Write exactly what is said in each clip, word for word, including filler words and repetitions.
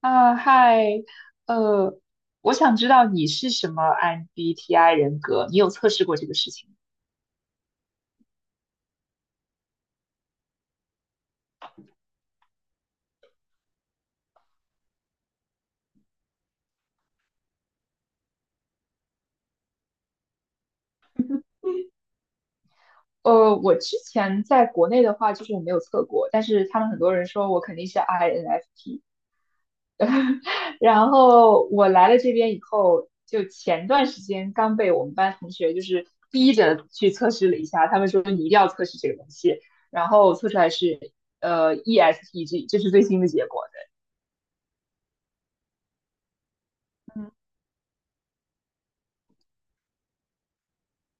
啊，嗨，呃，我想知道你是什么 M B T I 人格，你有测试过这个事情吗？呃，我之前在国内的话，就是我没有测过，但是他们很多人说我肯定是 I N F P。然后我来了这边以后，就前段时间刚被我们班同学就是逼着去测试了一下，他们说你一定要测试这个东西，然后测出来是呃 E S T G,这是最新的结果的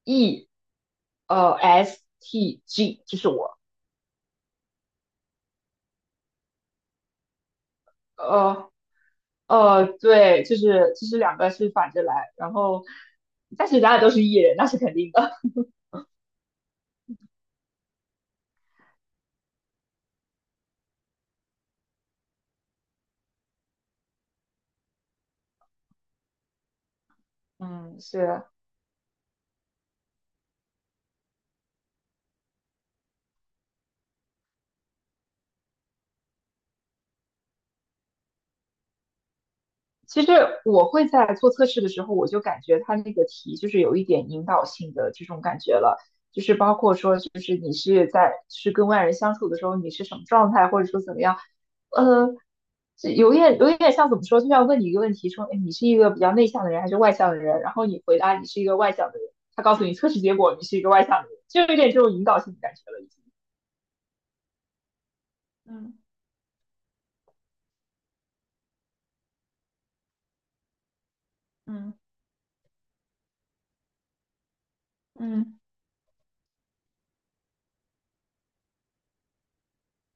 ，E 呃 S T G,这是我。呃呃，对，就是就是两个是反着来，然后，但是咱俩都是艺人，那是肯定的。嗯，是。其实我会在做测试的时候，我就感觉它那个题就是有一点引导性的这种感觉了，就是包括说，就是你是在是跟外人相处的时候，你是什么状态，或者说怎么样，呃，这有点有点像怎么说，就像问你一个问题，说，哎，你是一个比较内向的人还是外向的人？然后你回答你是一个外向的人，他告诉你测试结果你是一个外向的人，就有点这种引导性的感觉了，已经。嗯嗯嗯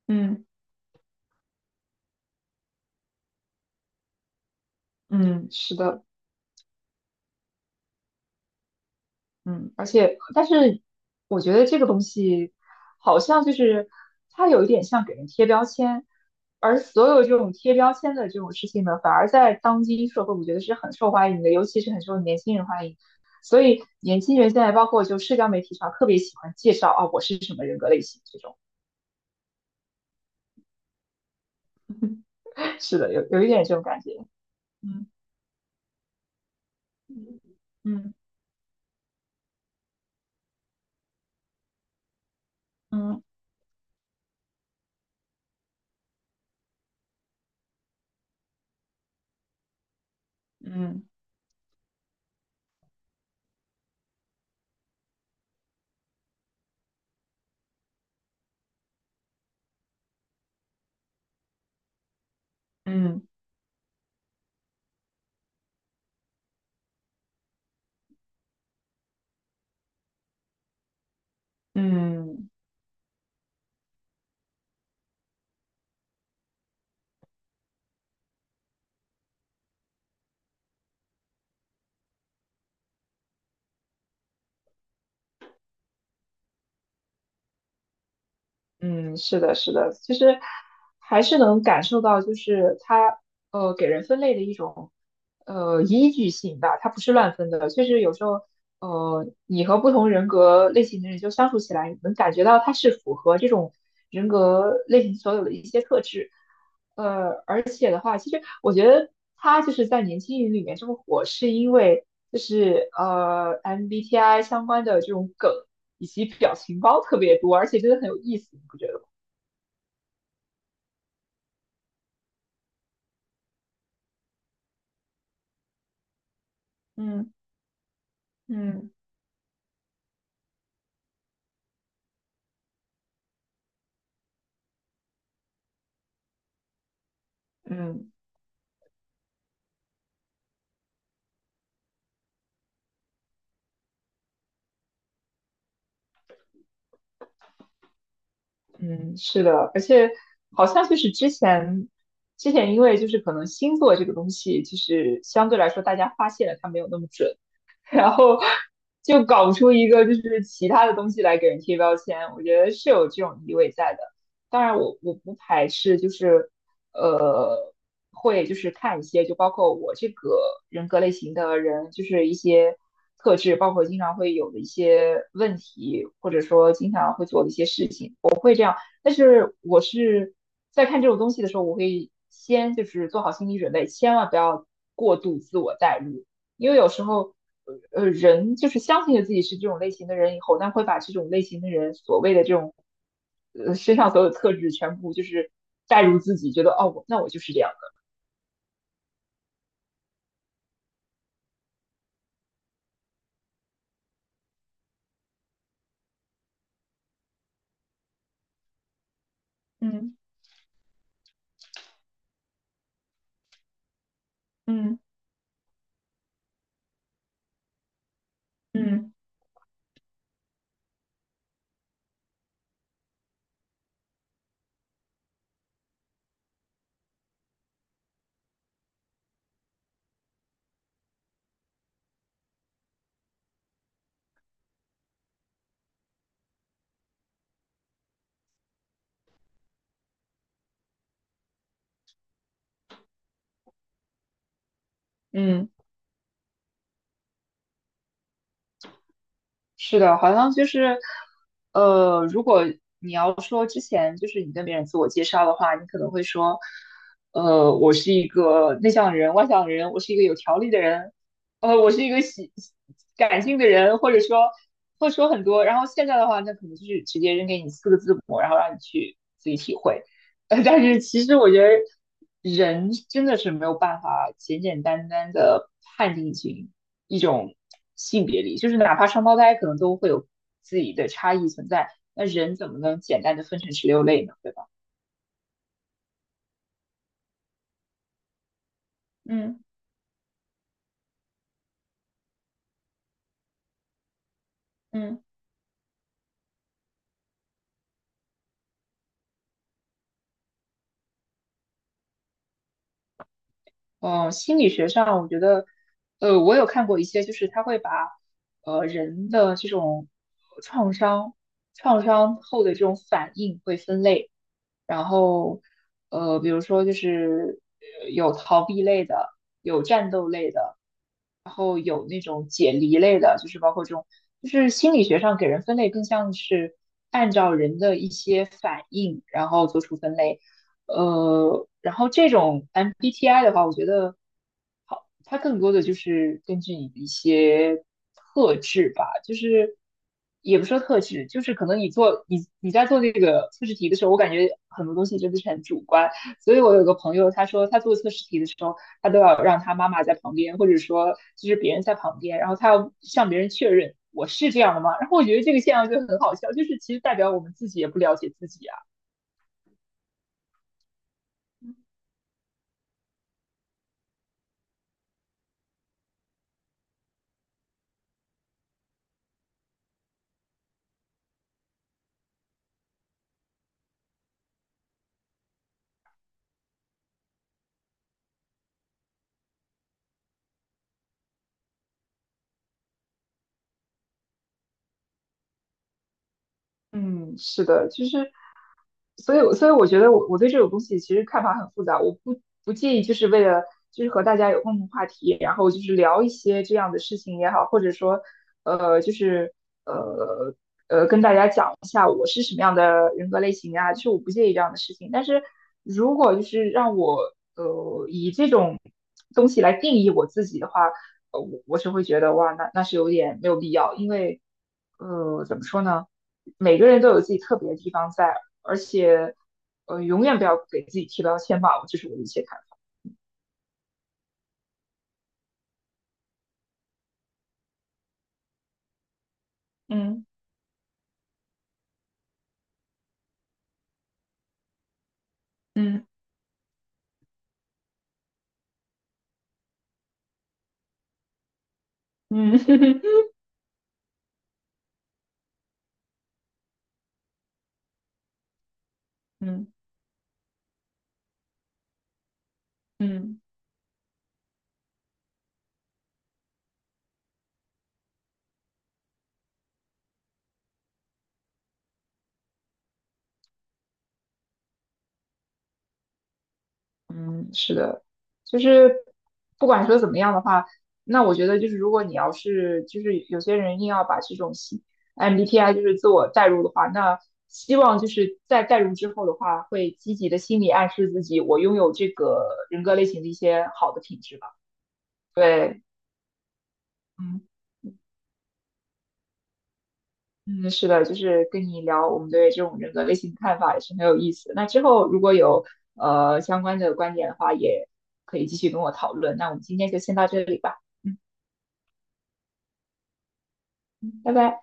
嗯嗯，是的。嗯，而且，但是我觉得这个东西好像就是它有一点像给人贴标签，而所有这种贴标签的这种事情呢，反而在当今社会，我觉得是很受欢迎的，尤其是很受年轻人欢迎。所以年轻人现在包括就社交媒体上特别喜欢介绍啊，我是什么人格类型这种。是的，有有一点这种感觉。嗯嗯嗯嗯嗯嗯嗯。嗯，是的，是的，其实还是能感受到，就是它呃给人分类的一种呃依据性吧，它不是乱分的。确实有时候呃你和不同人格类型的人就相处起来，你能感觉到它是符合这种人格类型所有的一些特质。呃，而且的话，其实。我觉得他就是在年轻人里面这么火，是因为就是呃 M B T I 相关的这种梗以及表情包特别多，而且真的很有意思，你不觉得吗？嗯嗯嗯嗯，是的，而且好像就是之前之前因为就是可能星座这个东西，就是相对来说大家发现了它没有那么准，然后就搞不出一个就是其他的东西来给人贴标签，我觉得是有这种意味在的。当然我，我不排斥，就是呃，会就是看一些，就包括我这个人格类型的人，就是一些特质，包括经常会有的一些问题，或者说经常会做的一些事情，但是我是在看这种东西的时候，我会先就是做好心理准备，千万不要过度自我代入，因为有时候呃呃人就是相信了自己是这种类型的人以后，那会把这种类型的人所谓的这种呃身上所有的特质全部就是代入自己，觉得哦我那我就是这样的，嗯嗯嗯嗯。是的，好像就是，呃，如果你要说之前就是你跟别人自我介绍的话，你可能会说，呃，我是一个内向的人、外向的人，我是一个有条理的人，呃，我是一个喜感性的人，或者说会说很多。然后现在的话，那可能就是直接扔给你四个字母，然后让你去自己体会。呃，但是其实我觉得人真的是没有办法简简单单的判定一群。一种性别里，就是哪怕双胞胎可能都会有自己的差异存在，那人怎么能简单的分成十六类呢？对吧？嗯嗯。呃，心理学上，我觉得，呃，我有看过一些，就是他会把，呃，人的这种创伤、创伤后的这种反应会分类，然后，呃，比如说就是呃有逃避类的，有战斗类的，然后有那种解离类的，就是包括这种，就是心理学上给人分类更像是按照人的一些反应，然后做出分类。呃，然后这种 M B T I 的话，我觉得好，它更多的就是根据你的一些特质吧，就是也不说特质，就是可能你做你你在做这个测试题的时候，我感觉很多东西真的是很主观。所以我有个朋友，他说他做测试题的时候，他都要让他妈妈在旁边，或者说就是别人在旁边，然后他要向别人确认我是这样的吗？然后我觉得这个现象就很好笑，就是其实代表我们自己也不了解自己。啊。嗯，是的，其实，所以，所以我觉得我我对这种东西其实看法很复杂，我不不介意，就是为了就是和大家有共同话题，然后就是聊一些这样的事情也好，或者说，呃，就是呃呃跟大家讲一下我是什么样的人格类型啊，就是我不介意这样的事情，但是如果就是让我呃以这种东西来定义我自己的话，呃，我我是会觉得哇，那那是有点没有必要，因为呃怎么说呢？每个人都有自己特别的地方在，而且呃，永远不要给自己贴标签吧，这是我的一些看法。嗯嗯嗯 嗯嗯嗯，是的，就是不管说怎么样的话，那我觉得就是如果你要是就是有些人硬要把这种心 M B T I 就是自我代入的话，那希望就是在代入之后的话，会积极的心理暗示自己，我拥有这个人格类型的一些好的品质吧。对，嗯。嗯，是的，就是跟你聊我们对这种人格类型的看法也是很有意思。那之后如果有呃相关的观点的话，也可以继续跟我讨论。那我们今天就先到这里吧，嗯，拜拜。